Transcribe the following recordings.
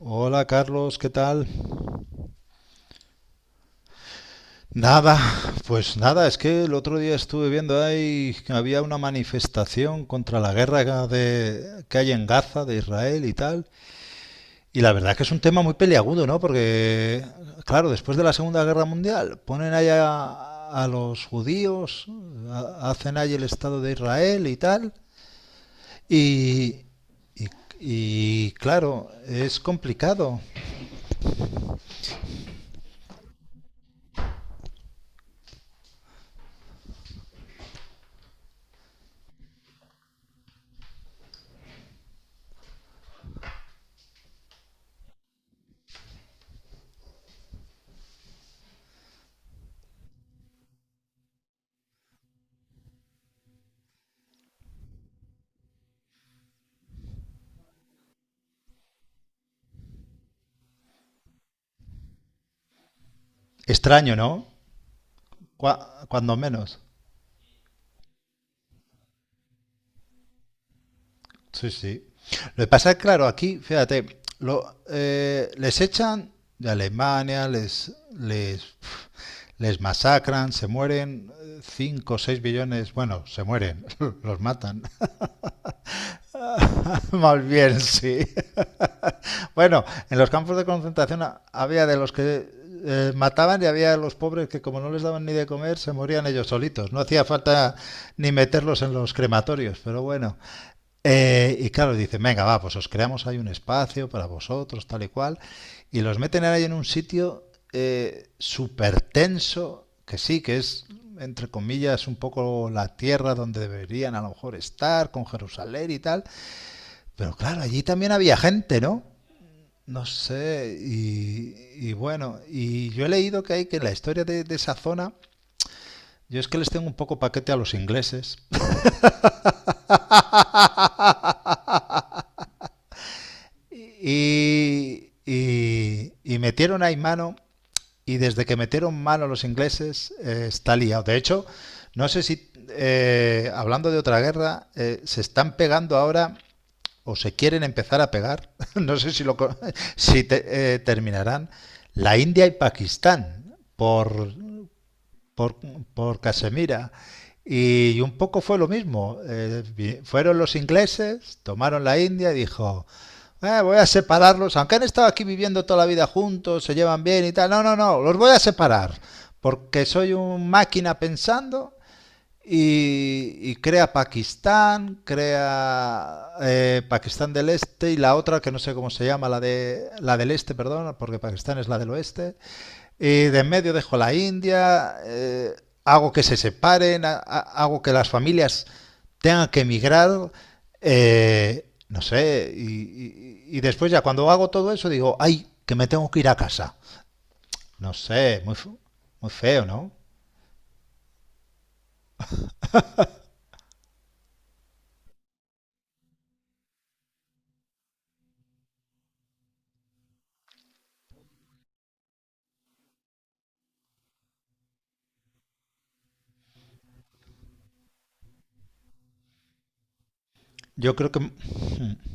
Hola Carlos, ¿qué tal? Nada, pues nada, es que el otro día estuve viendo ahí que había una manifestación contra la guerra que hay en Gaza, de Israel y tal. Y la verdad que es un tema muy peliagudo, ¿no? Porque, claro, después de la Segunda Guerra Mundial ponen allá a los judíos, hacen ahí el Estado de Israel y tal. Y, y, y, claro, es complicado. Extraño, ¿no? Cuando menos. Sí, sí. Lo que pasa es, claro, aquí, fíjate, les echan de Alemania, les masacran, se mueren 5 o 6 billones, bueno, se mueren, los matan. Más bien, sí. Bueno, en los campos de concentración había de los que mataban y había de los pobres que, como no les daban ni de comer, se morían ellos solitos. No hacía falta ni meterlos en los crematorios, pero bueno. Y claro, dicen, venga, va, pues os creamos ahí un espacio para vosotros, tal y cual. Y los meten ahí en un sitio súper tenso, que sí, que es, entre comillas, un poco la tierra donde deberían a lo mejor estar, con Jerusalén y tal. Pero claro, allí también había gente, ¿no? No sé, y bueno, y yo he leído que hay que la historia de esa zona, yo es que les tengo un poco paquete a los ingleses. Y metieron ahí mano, y desde que metieron mano los ingleses, está liado. De hecho, no sé si, hablando de otra guerra, se están pegando ahora o se quieren empezar a pegar. No sé si, si te- terminarán. La India y Pakistán por, por Casemira. Y un poco fue lo mismo. Fueron los ingleses, tomaron la India y dijo, "Voy a separarlos, aunque han estado aquí viviendo toda la vida juntos, se llevan bien y tal. No, no, no, los voy a separar, porque soy un máquina pensando y crea Pakistán del Este y la otra que no sé cómo se llama, la de la del Este, perdón, porque Pakistán es la del Oeste. Y de en medio dejo la India, hago que se separen, hago que las familias tengan que emigrar, no sé, y después ya cuando hago todo eso digo, ay, que me tengo que ir a casa. No sé, muy feo, ¿no? Yo creo que.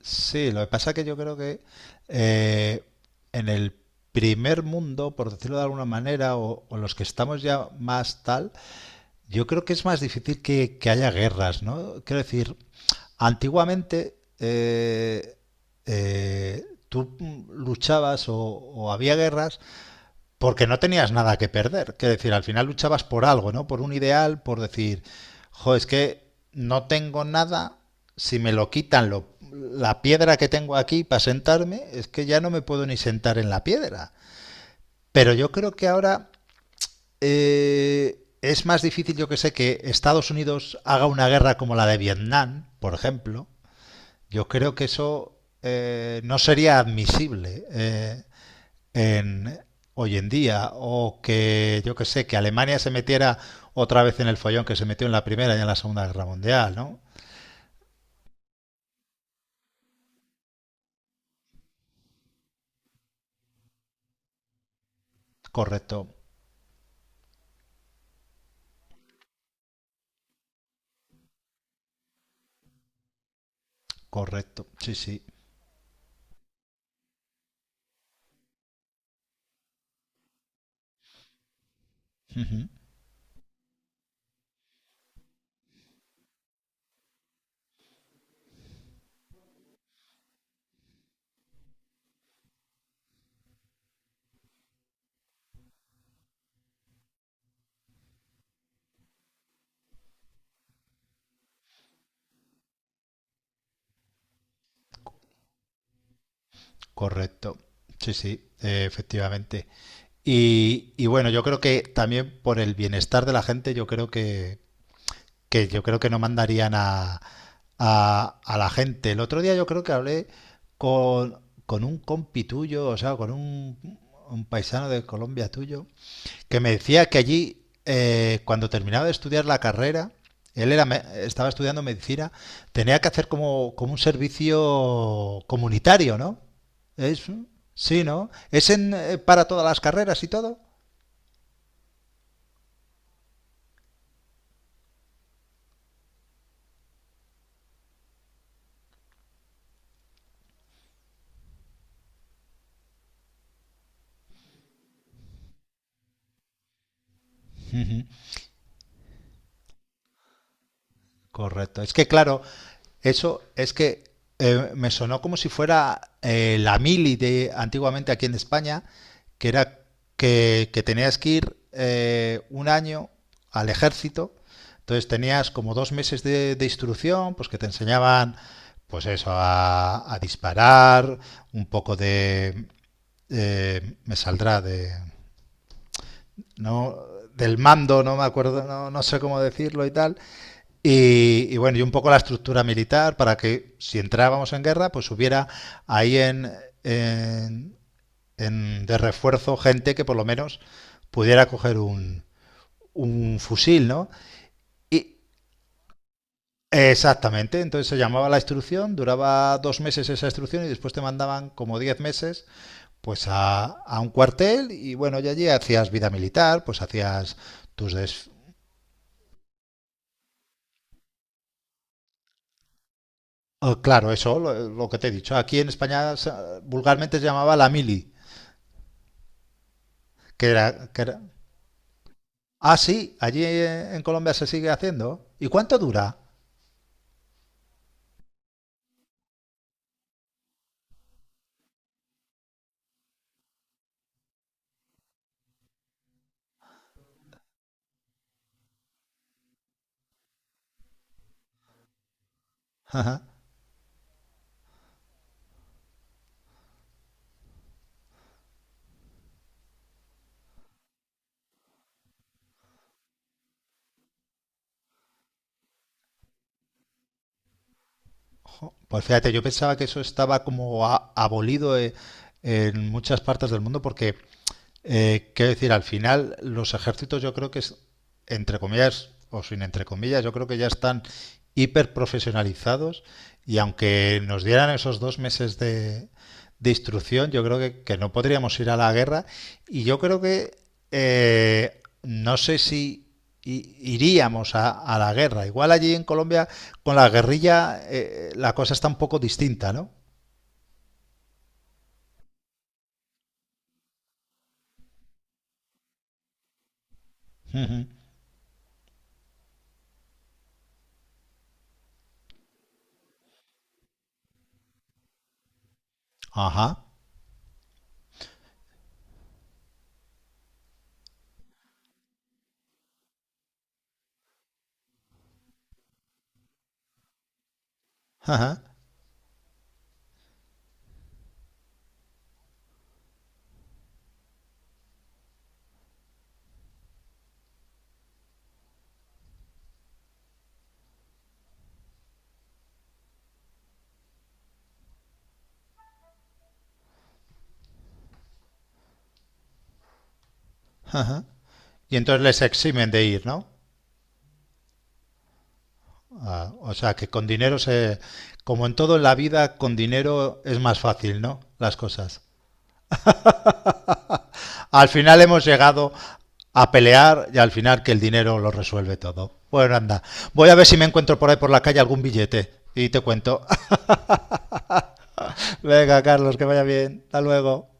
Sí, lo que pasa es que yo creo que eh, en el primer mundo, por decirlo de alguna manera, o los que estamos ya más tal, yo creo que es más difícil que haya guerras, ¿no? Quiero decir, antiguamente eh, tú luchabas o había guerras porque no tenías nada que perder. Quiero decir, al final luchabas por algo, ¿no? Por un ideal, por decir, jo, es que no tengo nada, si me lo quitan la piedra que tengo aquí para sentarme, es que ya no me puedo ni sentar en la piedra. Pero yo creo que ahora es más difícil, yo que sé, que Estados Unidos haga una guerra como la de Vietnam, por ejemplo. Yo creo que eso, no sería admisible, en, hoy en día. O que, yo que sé, que Alemania se metiera otra vez en el follón que se metió en la Primera y en la Segunda Guerra Mundial, ¿no? Correcto, correcto, sí, sí. Ujú. Correcto, sí, sí, efectivamente. Y bueno, yo creo que también por el bienestar de la gente, yo creo que yo creo que no mandarían a la gente. El otro día yo creo que hablé con un compi tuyo, o sea, con un paisano de Colombia tuyo, que me decía que allí, cuando terminaba de estudiar la carrera, él era, estaba estudiando medicina, tenía que hacer como un servicio comunitario, ¿no? Es, sí, ¿no? ¿Es para todas las carreras y todo? Ujú. Correcto. Es que claro, eso es que, me sonó como si fuera, la mili de antiguamente aquí en España, que era que tenías que ir un año al ejército. Entonces tenías como 2 meses de instrucción, pues que te enseñaban, pues eso, a disparar, un poco de, me saldrá de, no, del mando, no me acuerdo, no, no sé cómo decirlo y tal. Y, bueno, y un poco la estructura militar para que si entrábamos en guerra, pues hubiera ahí en- de refuerzo gente que por lo menos pudiera coger un fusil, ¿no? Y exactamente, entonces se llamaba la instrucción, duraba 2 meses esa instrucción y después te mandaban como 10 meses pues a un cuartel y bueno, y allí hacías vida militar, pues hacías tus des... Oh, claro, eso, lo que te he dicho. Aquí en España vulgarmente se llamaba la mili. Que era. Ah, sí, allí, en Colombia se sigue haciendo. ¿Y cuánto dura? Ajá. Pues fíjate, yo pensaba que eso estaba como abolido, en muchas partes del mundo porque, quiero decir, al final los ejércitos yo creo que es, entre comillas o sin entre comillas, yo creo que ya están hiper profesionalizados y aunque nos dieran esos 2 meses de instrucción, yo creo que no podríamos ir a la guerra y yo creo que, no sé si iríamos a la guerra. Igual allí en Colombia con la guerrilla, la cosa está un poco distinta, ¿no? Uh -huh. Ajá, ajá, ajá. Y entonces les eximen de ir, ¿no? Ah, o sea, que con dinero. Como en todo en la vida, con dinero es más fácil, ¿no? Las cosas. Al final hemos llegado a pelear y al final que el dinero lo resuelve todo. Bueno, anda. Voy a ver si me encuentro por ahí por la calle algún billete y te cuento. Venga, Carlos, que vaya bien. Hasta luego.